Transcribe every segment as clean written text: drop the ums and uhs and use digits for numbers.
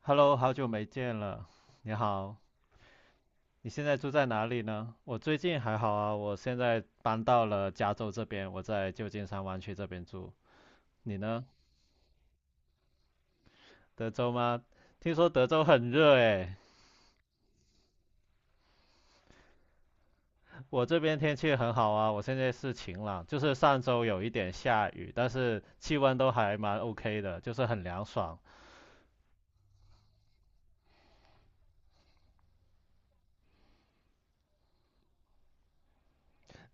Hello，好久没见了，你好。你现在住在哪里呢？我最近还好啊，我现在搬到了加州这边，我在旧金山湾区这边住。你呢？德州吗？听说德州很热诶。我这边天气很好啊，我现在是晴朗，就是上周有一点下雨，但是气温都还蛮 OK 的，就是很凉爽。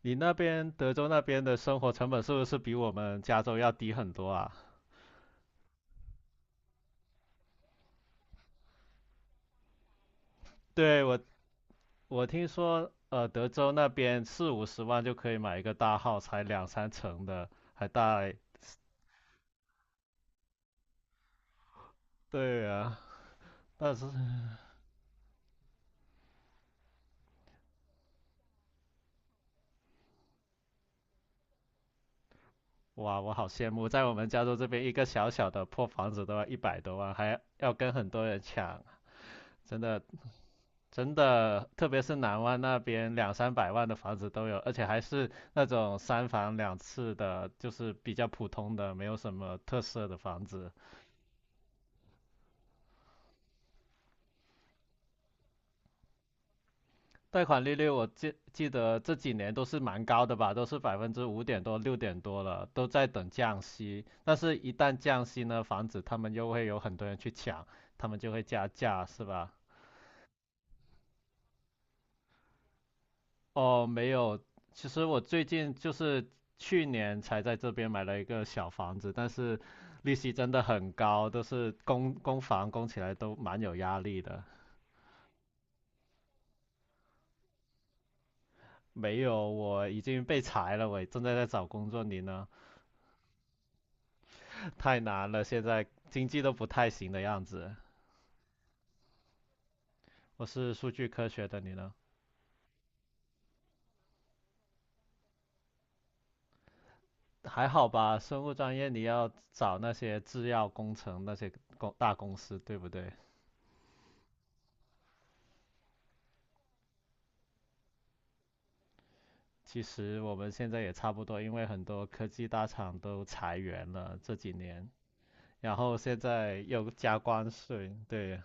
你那边德州那边的生活成本是不是比我们加州要低很多啊？对，我听说，德州那边四五十万就可以买一个大号，才两三层的，还带。对啊，但是哇，我好羡慕，在我们加州这边一个小小的破房子都要一百多万，还要跟很多人抢。真的，真的，特别是南湾那边两三百万的房子都有，而且还是那种三房两室的，就是比较普通的，没有什么特色的房子。贷款利率我记得这几年都是蛮高的吧，都是百分之五点多、六点多了，都在等降息。但是，一旦降息呢，房子他们又会有很多人去抢，他们就会加价，是吧？哦，没有，其实我最近就是去年才在这边买了一个小房子，但是利息真的很高，都是供房供起来都蛮有压力的。没有，我已经被裁了，我正在找工作，你呢？太难了，现在经济都不太行的样子。我是数据科学的，你呢？还好吧，生物专业你要找那些制药工程那些大公司，对不对？其实我们现在也差不多，因为很多科技大厂都裁员了这几年，然后现在又加关税，对，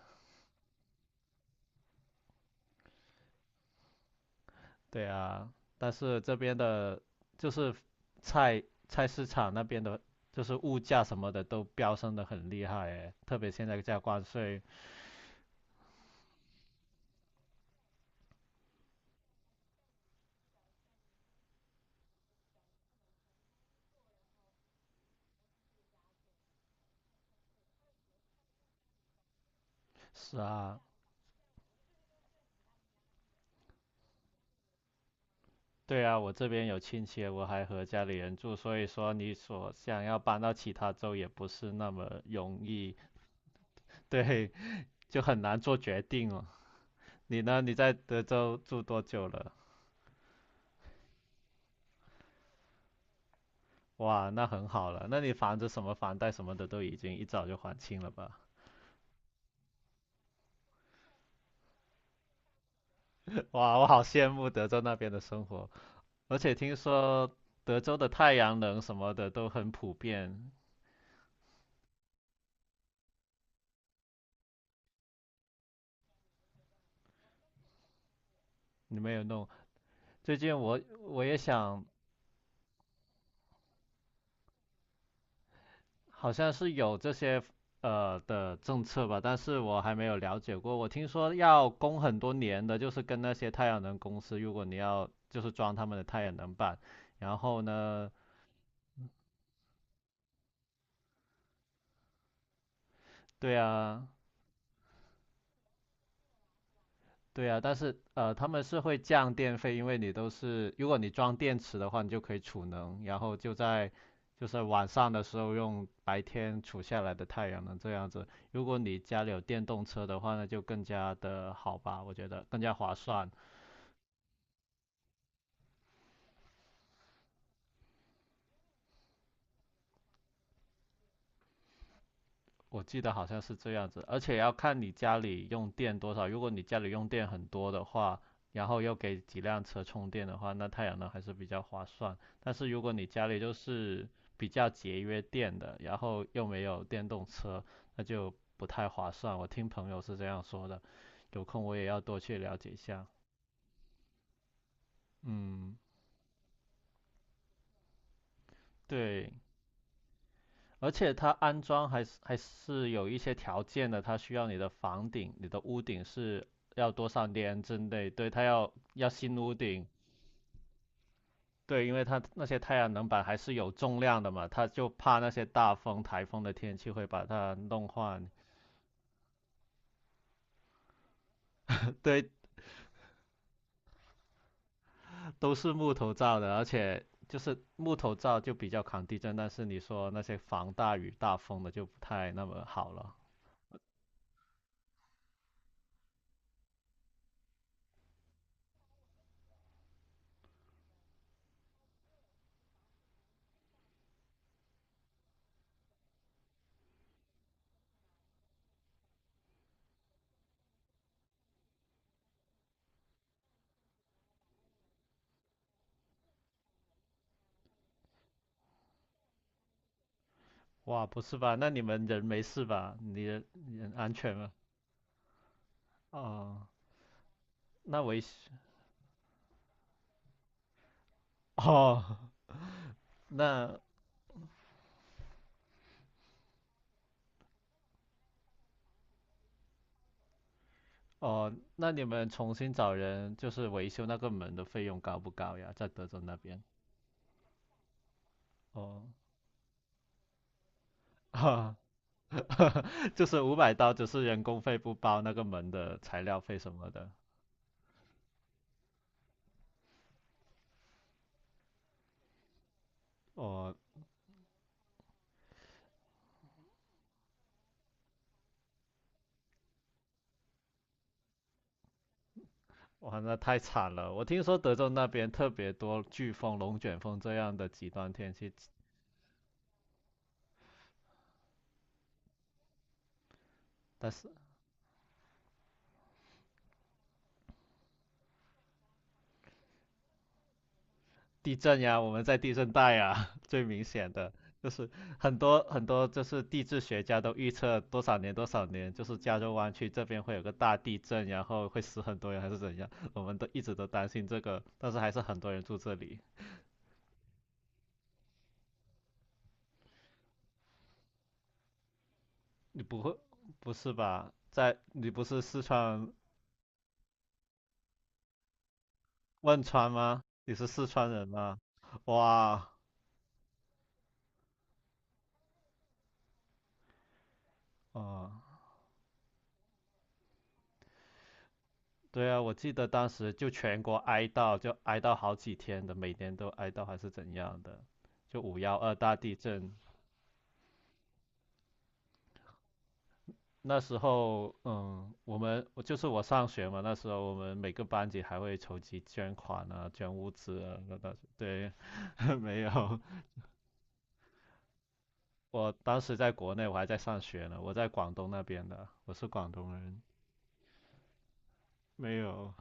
对啊。但是这边的，就是菜市场那边的，就是物价什么的都飙升的很厉害诶，特别现在加关税，是啊。对啊，我这边有亲戚，我还和家里人住，所以说你所想要搬到其他州也不是那么容易，对，就很难做决定哦。你呢？你在德州住多久了？哇，那很好了，那你房子什么房贷什么的都已经一早就还清了吧？哇，我好羡慕德州那边的生活，而且听说德州的太阳能什么的都很普遍。你没有弄？最近我也想好像是有这些的政策吧，但是我还没有了解过。我听说要供很多年的，就是跟那些太阳能公司，如果你要就是装他们的太阳能板，然后呢，对啊，对啊，但是他们是会降电费，因为你都是如果你装电池的话，你就可以储能，然后就在就是晚上的时候用白天储下来的太阳能这样子。如果你家里有电动车的话那就更加的好吧，我觉得更加划算。我记得好像是这样子，而且要看你家里用电多少。如果你家里用电很多的话，然后又给几辆车充电的话，那太阳能还是比较划算。但是如果你家里就是比较节约电的，然后又没有电动车，那就不太划算。我听朋友是这样说的，有空我也要多去了解一下。嗯，对，而且它安装还是有一些条件的，它需要你的房顶、你的屋顶是要多少年之内，对，它要新屋顶，对，因为它那些太阳能板还是有重量的嘛，它就怕那些大风、台风的天气会把它弄坏。对，都是木头造的，而且就是木头造就比较抗地震，但是你说那些防大雨大风的就不太那么好了。哇，不是吧？那你们人没事吧？你人安全吗？哦。那维修 哦，那哦，那你们重新找人就是维修那个门的费用高不高呀？在德州那边哦，哈，就是500刀，只是人工费不包那个门的材料费什么的。哦，哇，那太惨了！我听说德州那边特别多飓风、龙卷风这样的极端天气，但是地震呀，我们在地震带呀，最明显的就是很多很多就是地质学家都预测多少年多少年，就是加州湾区这边会有个大地震，然后会死很多人还是怎样，我们都一直都担心这个，但是还是很多人住这里。你不会，不是吧？在，你不是四川汶川吗？你是四川人吗？哇，哦，对啊，我记得当时就全国哀悼，就哀悼好几天的，每年都哀悼还是怎样的，就5·12大地震。那时候，嗯，我们就是我上学嘛，那时候我们每个班级还会筹集捐款啊，捐物资啊。那当时对，没有，我当时在国内，我还在上学呢，我在广东那边的，我是广东人。没有，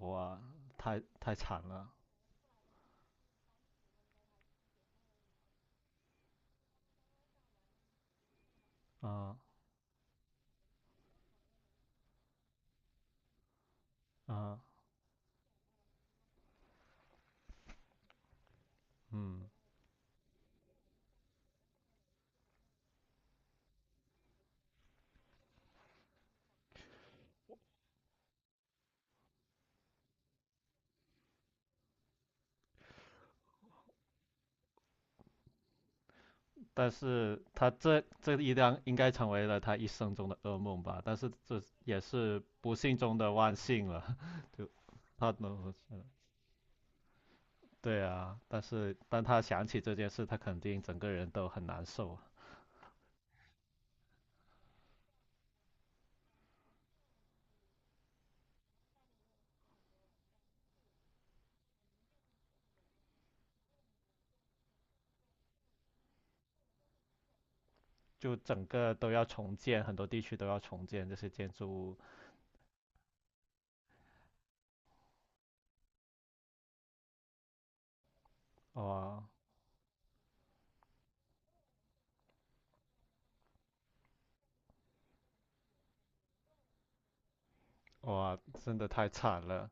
哇，太惨了，啊啊，嗯。嗯但是他这一辆应该成为了他一生中的噩梦吧，但是这也是不幸中的万幸了，就他能对啊，但是当他想起这件事，他肯定整个人都很难受啊，就整个都要重建，很多地区都要重建这些建筑物，哇哇，真的太惨了。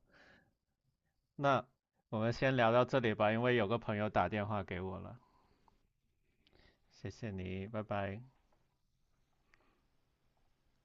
那我们先聊到这里吧，因为有个朋友打电话给我了，谢谢你，拜拜。